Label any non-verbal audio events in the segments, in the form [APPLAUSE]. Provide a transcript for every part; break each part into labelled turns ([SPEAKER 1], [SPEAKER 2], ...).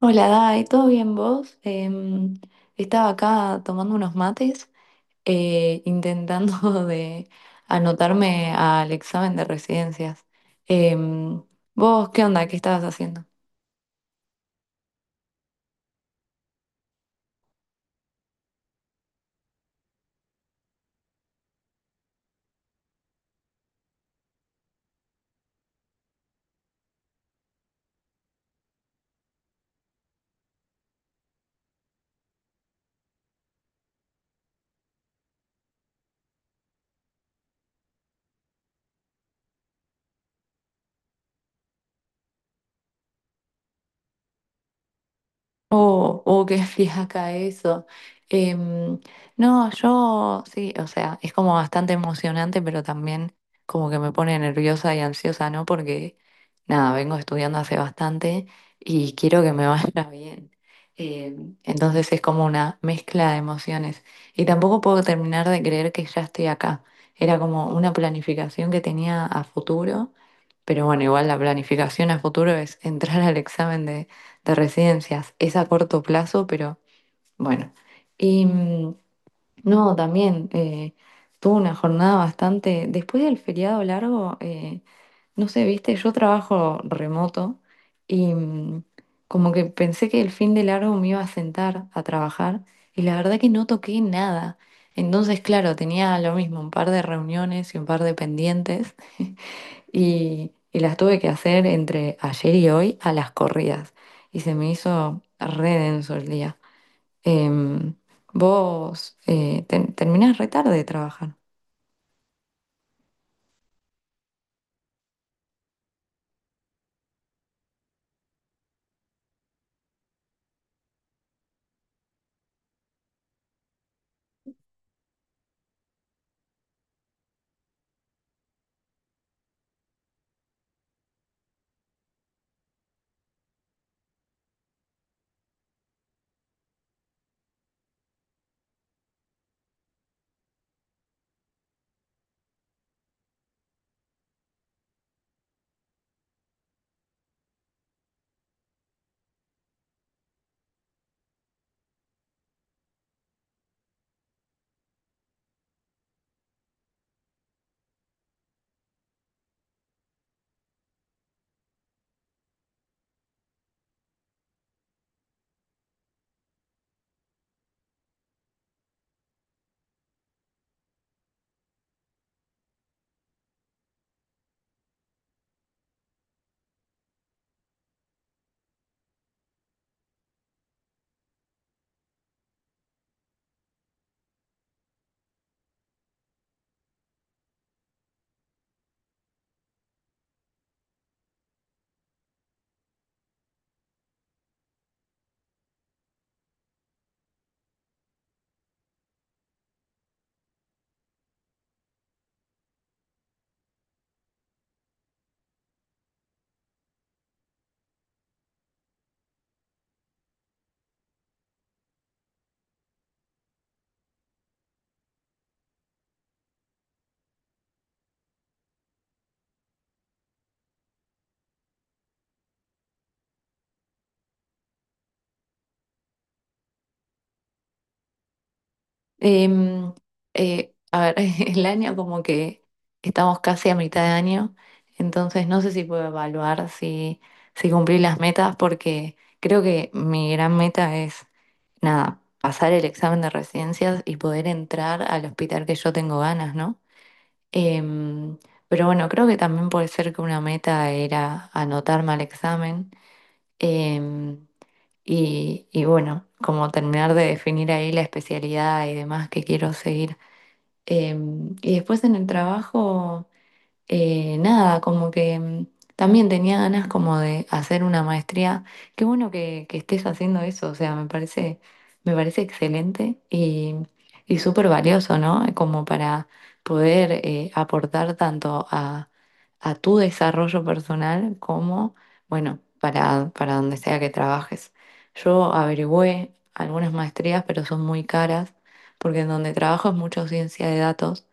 [SPEAKER 1] Hola, Dai, ¿todo bien vos? Estaba acá tomando unos mates, intentando [LAUGHS] de anotarme al examen de residencias. Em, ¿Vos qué onda? ¿Qué estabas haciendo? Oh, oh, qué fiaca eso. Em, no, yo sí, o sea, es como bastante emocionante, pero también como que me pone nerviosa y ansiosa, ¿no? Porque nada, vengo estudiando hace bastante y quiero que me vaya [LAUGHS] bien. Entonces es como una mezcla de emociones. Y tampoco puedo terminar de creer que ya estoy acá. Era como una planificación que tenía a futuro, pero bueno, igual la planificación a futuro es entrar al examen de residencias. Es a corto plazo, pero bueno. Y no, también tuve una jornada bastante. Después del feriado largo, no sé, viste, yo trabajo remoto y como que pensé que el fin de largo me iba a sentar a trabajar y la verdad que no toqué nada. Entonces, claro, tenía lo mismo, un par de reuniones y un par de pendientes y las tuve que hacer entre ayer y hoy a las corridas. Y se me hizo re denso el día. Em, Vos terminás re tarde de trabajar. Em, a ver, [LAUGHS] el año como que estamos casi a mitad de año, entonces no sé si puedo evaluar si cumplí las metas porque creo que mi gran meta es, nada, pasar el examen de residencias y poder entrar al hospital que yo tengo ganas, ¿no? Em, pero bueno, creo que también puede ser que una meta era anotarme al examen. em, y bueno, como terminar de definir ahí la especialidad y demás que quiero seguir. Y después en el trabajo nada, como que también tenía ganas como de hacer una maestría. Qué bueno que estés haciendo eso, o sea, me parece excelente y súper valioso, ¿no? Como para poder aportar tanto a tu desarrollo personal como, bueno, para donde sea que trabajes. Yo averigüé algunas maestrías, pero son muy caras, porque en donde trabajo es mucho ciencia de datos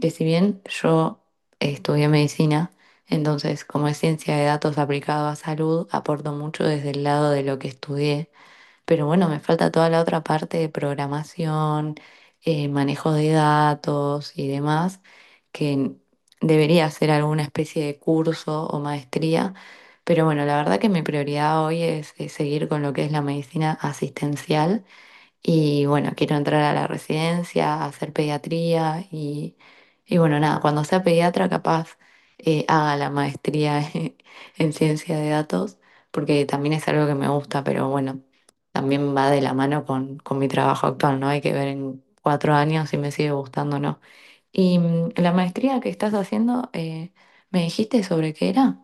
[SPEAKER 1] que si bien yo estudié medicina, entonces como es ciencia de datos aplicado a salud, aporto mucho desde el lado de lo que estudié, pero bueno, me falta toda la otra parte de programación, manejo de datos y demás, que debería hacer alguna especie de curso o maestría, pero bueno, la verdad que mi prioridad hoy es seguir con lo que es la medicina asistencial y bueno, quiero entrar a la residencia, a hacer pediatría y bueno, nada, cuando sea pediatra capaz haga la maestría [LAUGHS] en ciencia de datos, porque también es algo que me gusta, pero bueno, también va de la mano con mi trabajo actual, ¿no? Hay que ver en cuatro años si me sigue gustando o no. Y la maestría que estás haciendo, ¿me dijiste sobre qué era?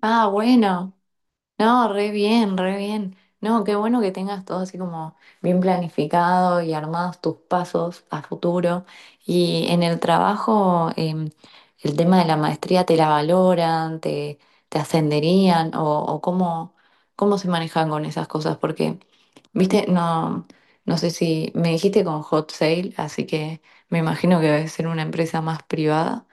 [SPEAKER 1] Ah, bueno. No, re bien, re bien. No, qué bueno que tengas todo así como bien planificado y armados tus pasos a futuro. Y en el trabajo, el tema de la maestría, ¿te la valoran? ¿Te, te ascenderían? O cómo, cómo se manejan con esas cosas? Porque, viste, no, no sé si me dijiste con Hot Sale, así que me imagino que debe ser una empresa más privada.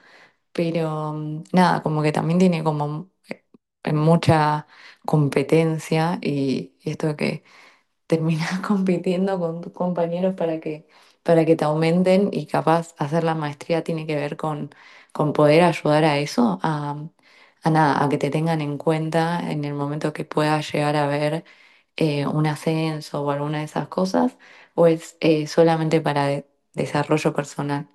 [SPEAKER 1] Pero nada, como que también tiene como mucha competencia y esto de que terminas [LAUGHS] compitiendo con tus compañeros para que te aumenten y capaz hacer la maestría tiene que ver con poder ayudar a eso, a nada, a que te tengan en cuenta en el momento que puedas llegar a ver un ascenso o alguna de esas cosas, o es solamente para desarrollo personal.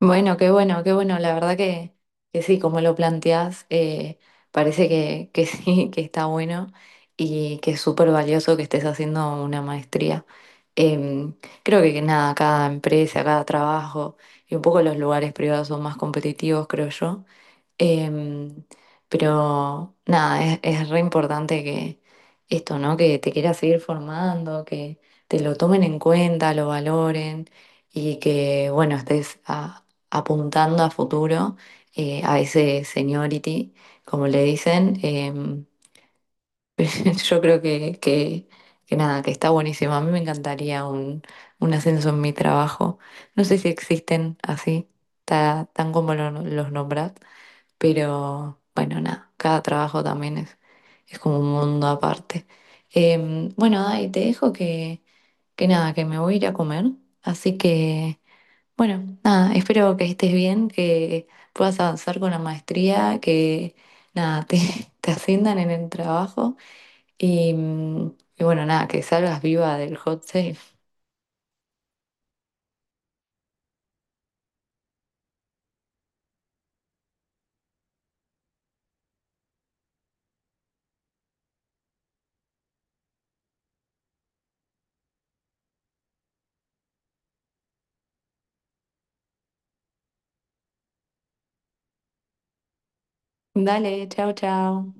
[SPEAKER 1] Bueno, qué bueno, qué bueno. La verdad que sí, como lo planteás, parece que sí, [LAUGHS] que está bueno y que es súper valioso que estés haciendo una maestría. Em, Creo que nada, cada empresa, cada trabajo y un poco los lugares privados son más competitivos, creo yo. Em, pero nada, es re importante que esto, ¿no? Que te quieras seguir formando, que te lo tomen en cuenta, lo valoren y que, bueno, estés apuntando a futuro, a ese seniority, como le dicen. [LAUGHS] Yo creo que nada, que está buenísimo. A mí me encantaría un ascenso en mi trabajo. No sé si existen así, tan como los nombras. Pero bueno, nada, cada trabajo también es como un mundo aparte. Bueno, Dai, te dejo que nada, que me voy a ir a comer. Así que, bueno, nada, espero que estés bien, que puedas avanzar con la maestría, que nada, te, [LAUGHS] te asciendan en el trabajo y, y bueno, nada, que salgas viva del hot sale. Dale, chao, chao.